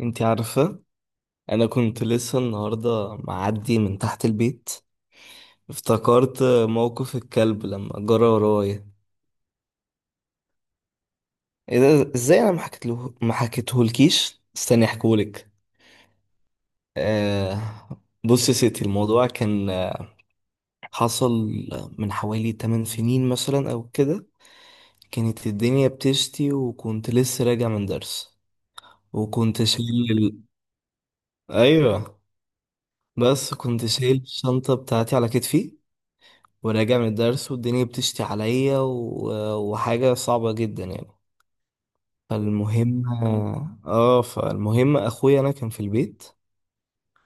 انتي عارفة، انا كنت لسه النهاردة معدي من تحت البيت. افتكرت موقف الكلب لما جرى ورايا. ايه ده؟ ازاي انا ما حكيتله؟ ما حكيتهولكيش، استني احكولك. آه. بص يا ستي، الموضوع كان حصل من حوالي 8 سنين مثلا او كده. كانت الدنيا بتشتي وكنت لسه راجع من درس، وكنت شايل ايوه، بس كنت شايل الشنطة بتاعتي على كتفي، وراجع من الدرس والدنيا بتشتي عليا وحاجة صعبة جدا يعني. فالمهم، اه فالمهم اخويا انا كان في البيت،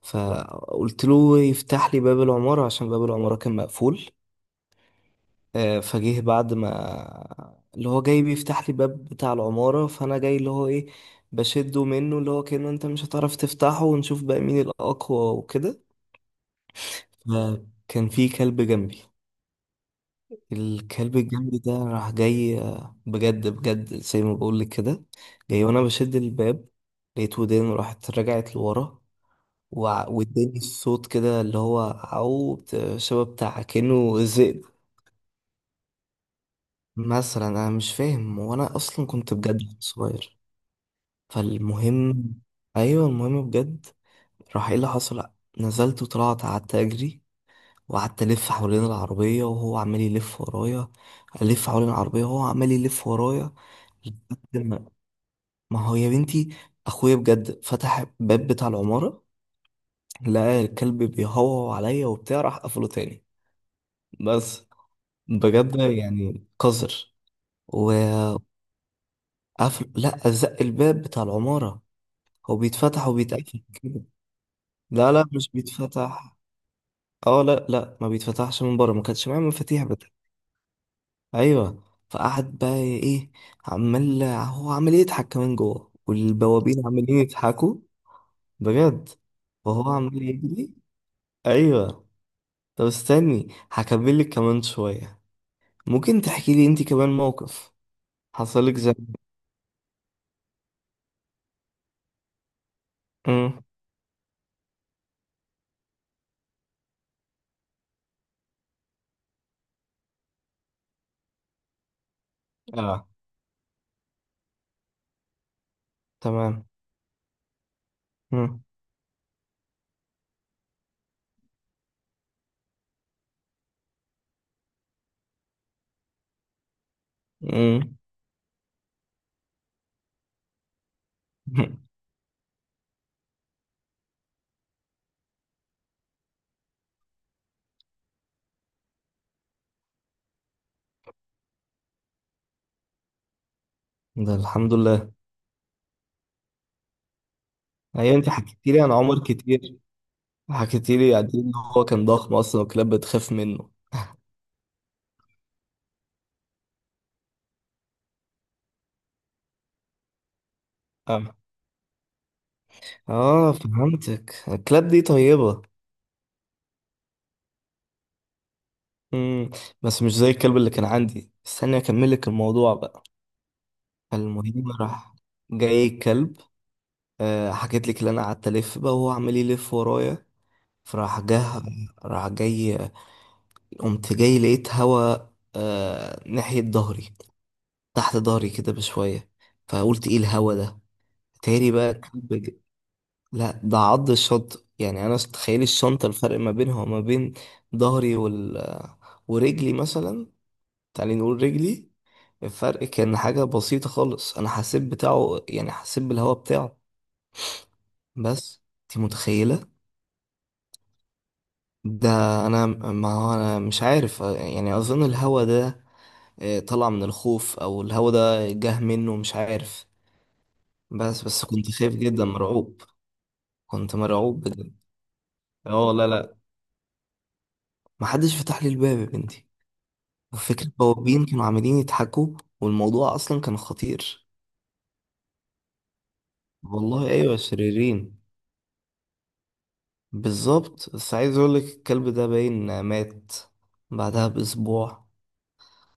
فقلت له يفتح لي باب العمارة عشان باب العمارة كان مقفول. فجه بعد ما اللي هو جاي بيفتح لي باب بتاع العمارة، فانا جاي اللي هو ايه، بشده منه اللي هو كأنه انت مش هتعرف تفتحه، ونشوف بقى مين الأقوى وكده. فكان في كلب جنبي، الكلب الجنبي ده راح جاي، بجد بجد زي ما بقول لك كده. جاي وانا بشد الباب، لقيت ودان راحت رجعت لورا. واداني الصوت كده اللي هو عو شبه بتاع كأنه ذئب مثلا، انا مش فاهم، وانا اصلا كنت بجد صغير. فالمهم. ايوه، المهم بجد، راح ايه اللي حصل، نزلت وطلعت قعدت اجري، وقعدت الف حوالين العربيه وهو عمال يلف ورايا، الف حوالين العربيه وهو عمال يلف ورايا لحد ما، ما هو يا بنتي اخويا بجد فتح الباب بتاع العمارة، لقى الكلب بيهوهو عليا وبتاع، راح قفله تاني. بس. بجد يعني قذر، وقفل. لا، زق الباب بتاع العمارة، هو بيتفتح وبيتقفل كده. لا لا مش بيتفتح. اه لا لا، ما بيتفتحش من بره، ما كانش معايا مفاتيح بتاع. ايوه. فقعد بقى ايه، عمال هو عمال يضحك كمان جوه، والبوابين عمالين يضحكوا. بجد. وهو عمال يجري. ايوه. طب استني هكمل لك كمان شويه. ممكن تحكي لي انت كمان موقف حصلك زي؟ امم اه، تمام. امم امم ده الحمد لله. ايوه انت حكيتي لي عن عمر كتير، حكيتي لي قد ايه ان هو كان ضخم اصلا والكلاب بتخاف منه. اه اه، فهمتك الكلاب دي طيبه. امم بس مش زي الكلب اللي كان عندي، استني اكمل لك الموضوع بقى. المهم راح جاي الكلب، حكيت لك اللي انا قعدت الف بقى وهو عمال يلف ورايا. فراح جه، راح جاي، قمت جاي لقيت هوا، آه ناحية ظهري، تحت ظهري كده بشوية. فقلت ايه الهوا ده، تاني بقى الكلب لا، ده عض الشنطة. يعني انا تخيل الشنطة الفرق ما بينها وما بين ظهري وال ورجلي مثلا، تعالي نقول رجلي. الفرق كان حاجة بسيطة خالص، انا حسيت بتاعه يعني حسيت بالهوا بتاعه. بس انت متخيلة. ده انا ما هو انا مش عارف يعني، اظن الهوا ده طلع من الخوف، او الهوا ده جه منه مش عارف. بس كنت خايف جدا مرعوب. كنت مرعوب بجد. اه لا لا، محدش فتح لي الباب يا بنتي. وفكرة بوابين كانوا عمالين يضحكوا، والموضوع اصلا كان خطير. والله ايوه شريرين بالظبط. بس عايز اقولك الكلب ده باين مات بعدها باسبوع.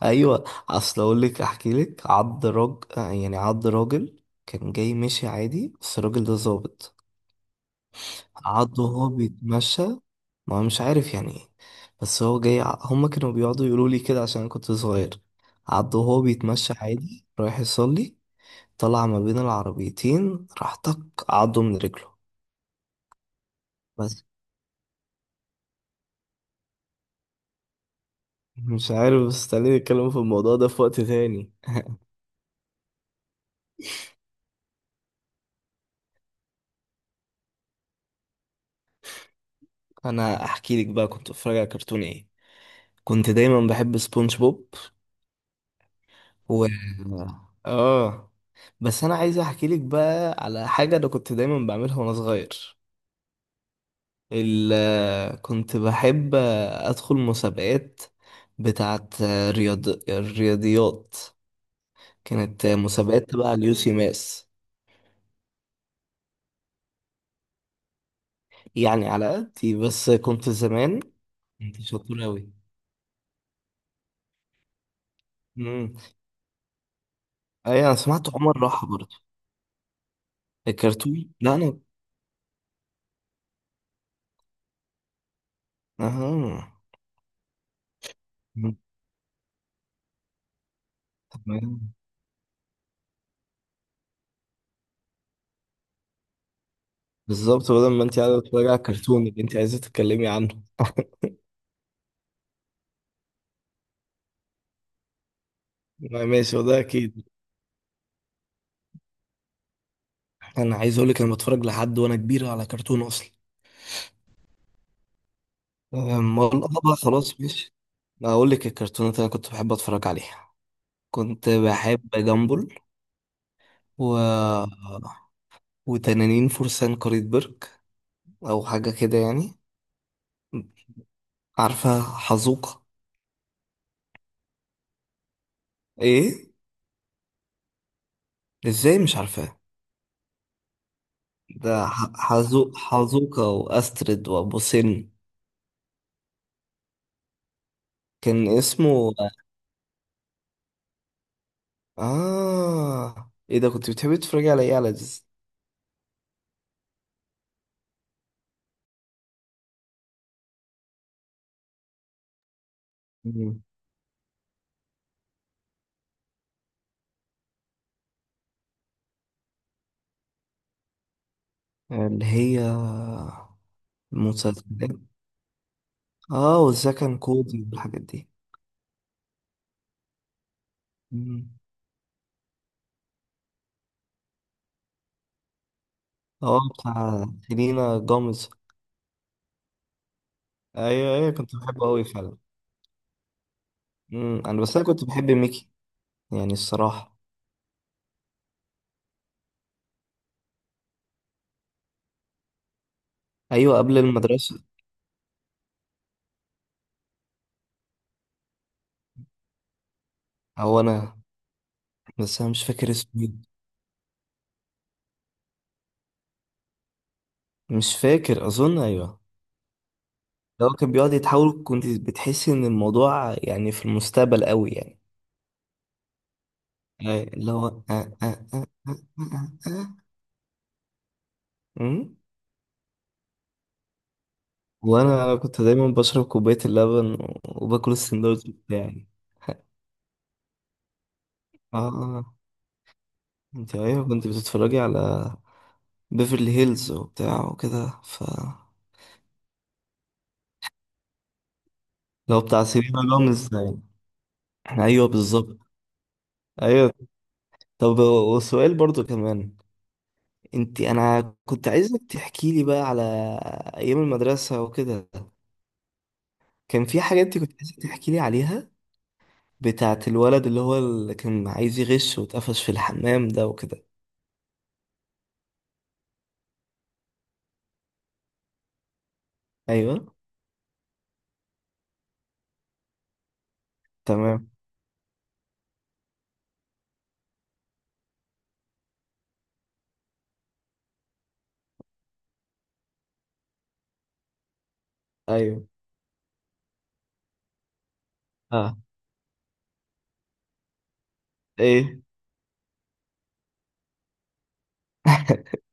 ايوه. اصل اقول لك، احكي لك عض راجل، يعني عض راجل كان جاي ماشي عادي، بس الراجل ده ظابط. عضه وهو بيتمشى. ما مش عارف يعني ايه، بس هو جاي هما كانوا بيقعدوا يقولوا لي كده عشان أنا كنت صغير، عضه وهو بيتمشى عادي رايح يصلي، طلع ما بين العربيتين راح طق عضه من رجله. بس. مش عارف، بس خليني اتكلم في الموضوع ده في وقت تاني. انا احكي لك بقى كنت بتفرج على كرتون ايه. كنت دايما بحب سبونج بوب. و اه بس انا عايز احكي لك بقى على حاجه انا كنت دايما بعملها وانا صغير. كنت بحب أدخل مسابقات بتاعت الرياضيات، كانت مسابقات تبع اليوسي ماس. يعني على قدي، بس كنت زمان كنت شاطر أوي. امم أي أنا سمعت عمر راحة برضه. الكرتون، لا أنا. أها. مم. تمام. بالظبط بدل ما أنت قاعدة تتفرجي على الكرتون اللي أنت عايزة تتكلمي عنه ماشي، وده أكيد. أنا عايز أقولك أنا بتفرج لحد وأنا كبير على كرتون أصلا. والله بقى خلاص ماشي، ما اقول لك الكرتونات اللي انا كنت بحب اتفرج عليها. كنت بحب جامبل، و وتنانين فرسان قرية برك، او حاجه كده يعني. عارفه حزوقه؟ ايه؟ ازاي مش عارفاه؟ ده حزو حزوقه واسترد وابو سن، كان اسمه. اه، ايه ده كنت بتحبي تتفرجي على ايه، على ديز. مم. اللي هي المسلسلات، اه والزكن كودي والحاجات دي. مم. اه بتاع سيلينا جوميز. ايوه ايوه كنت بحبه قوي فعلا. مم. انا بس انا كنت بحب ميكي يعني الصراحه. ايوه قبل المدرسه. او انا، بس انا مش فاكر اسمه إيه. مش فاكر، اظن ايوه. لو كان بيقعد يتحول كنت بتحس ان الموضوع يعني في المستقبل قوي يعني. أي- اللي هو آه آه آه آه. مم. وانا انا كنت دايما بشرب كوبايه اللبن وباكل السندوتش بتاعي. اه آه. انت ايوه كنت بتتفرجي على بيفرلي هيلز وبتاع وكده، ف لو بتاع سيلينا جوميز يعني. ايوه بالظبط. ايوه. طب، وسؤال برضو كمان، انت انا كنت عايزك تحكي لي بقى على ايام المدرسه وكده. كان في حاجه انت كنت عايزك تحكي لي عليها، بتاعت الولد اللي هو اللي كان عايز يغش واتقفش في الحمام ده وكده. ايوه. تمام. ايوه. اه. ايه؟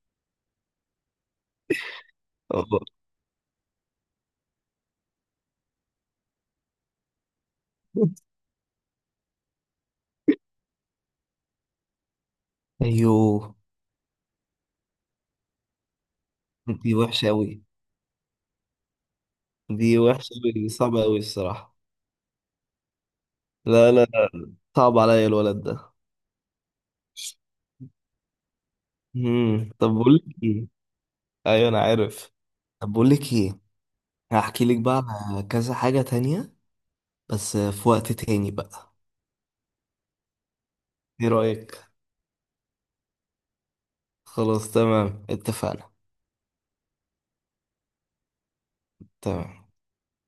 ايوه. دي وحشه قوي. دي وحشه قوي، دي صعبه قوي الصراحه. لا لا لا، صعب عليا الولد ده. مم. طب بقول لك ايه. ايوه انا عارف. طب بقول لك ايه، هحكي لك بقى على كذا حاجة تانية بس في وقت تاني بقى، ايه رأيك؟ خلاص تمام اتفقنا. تمام.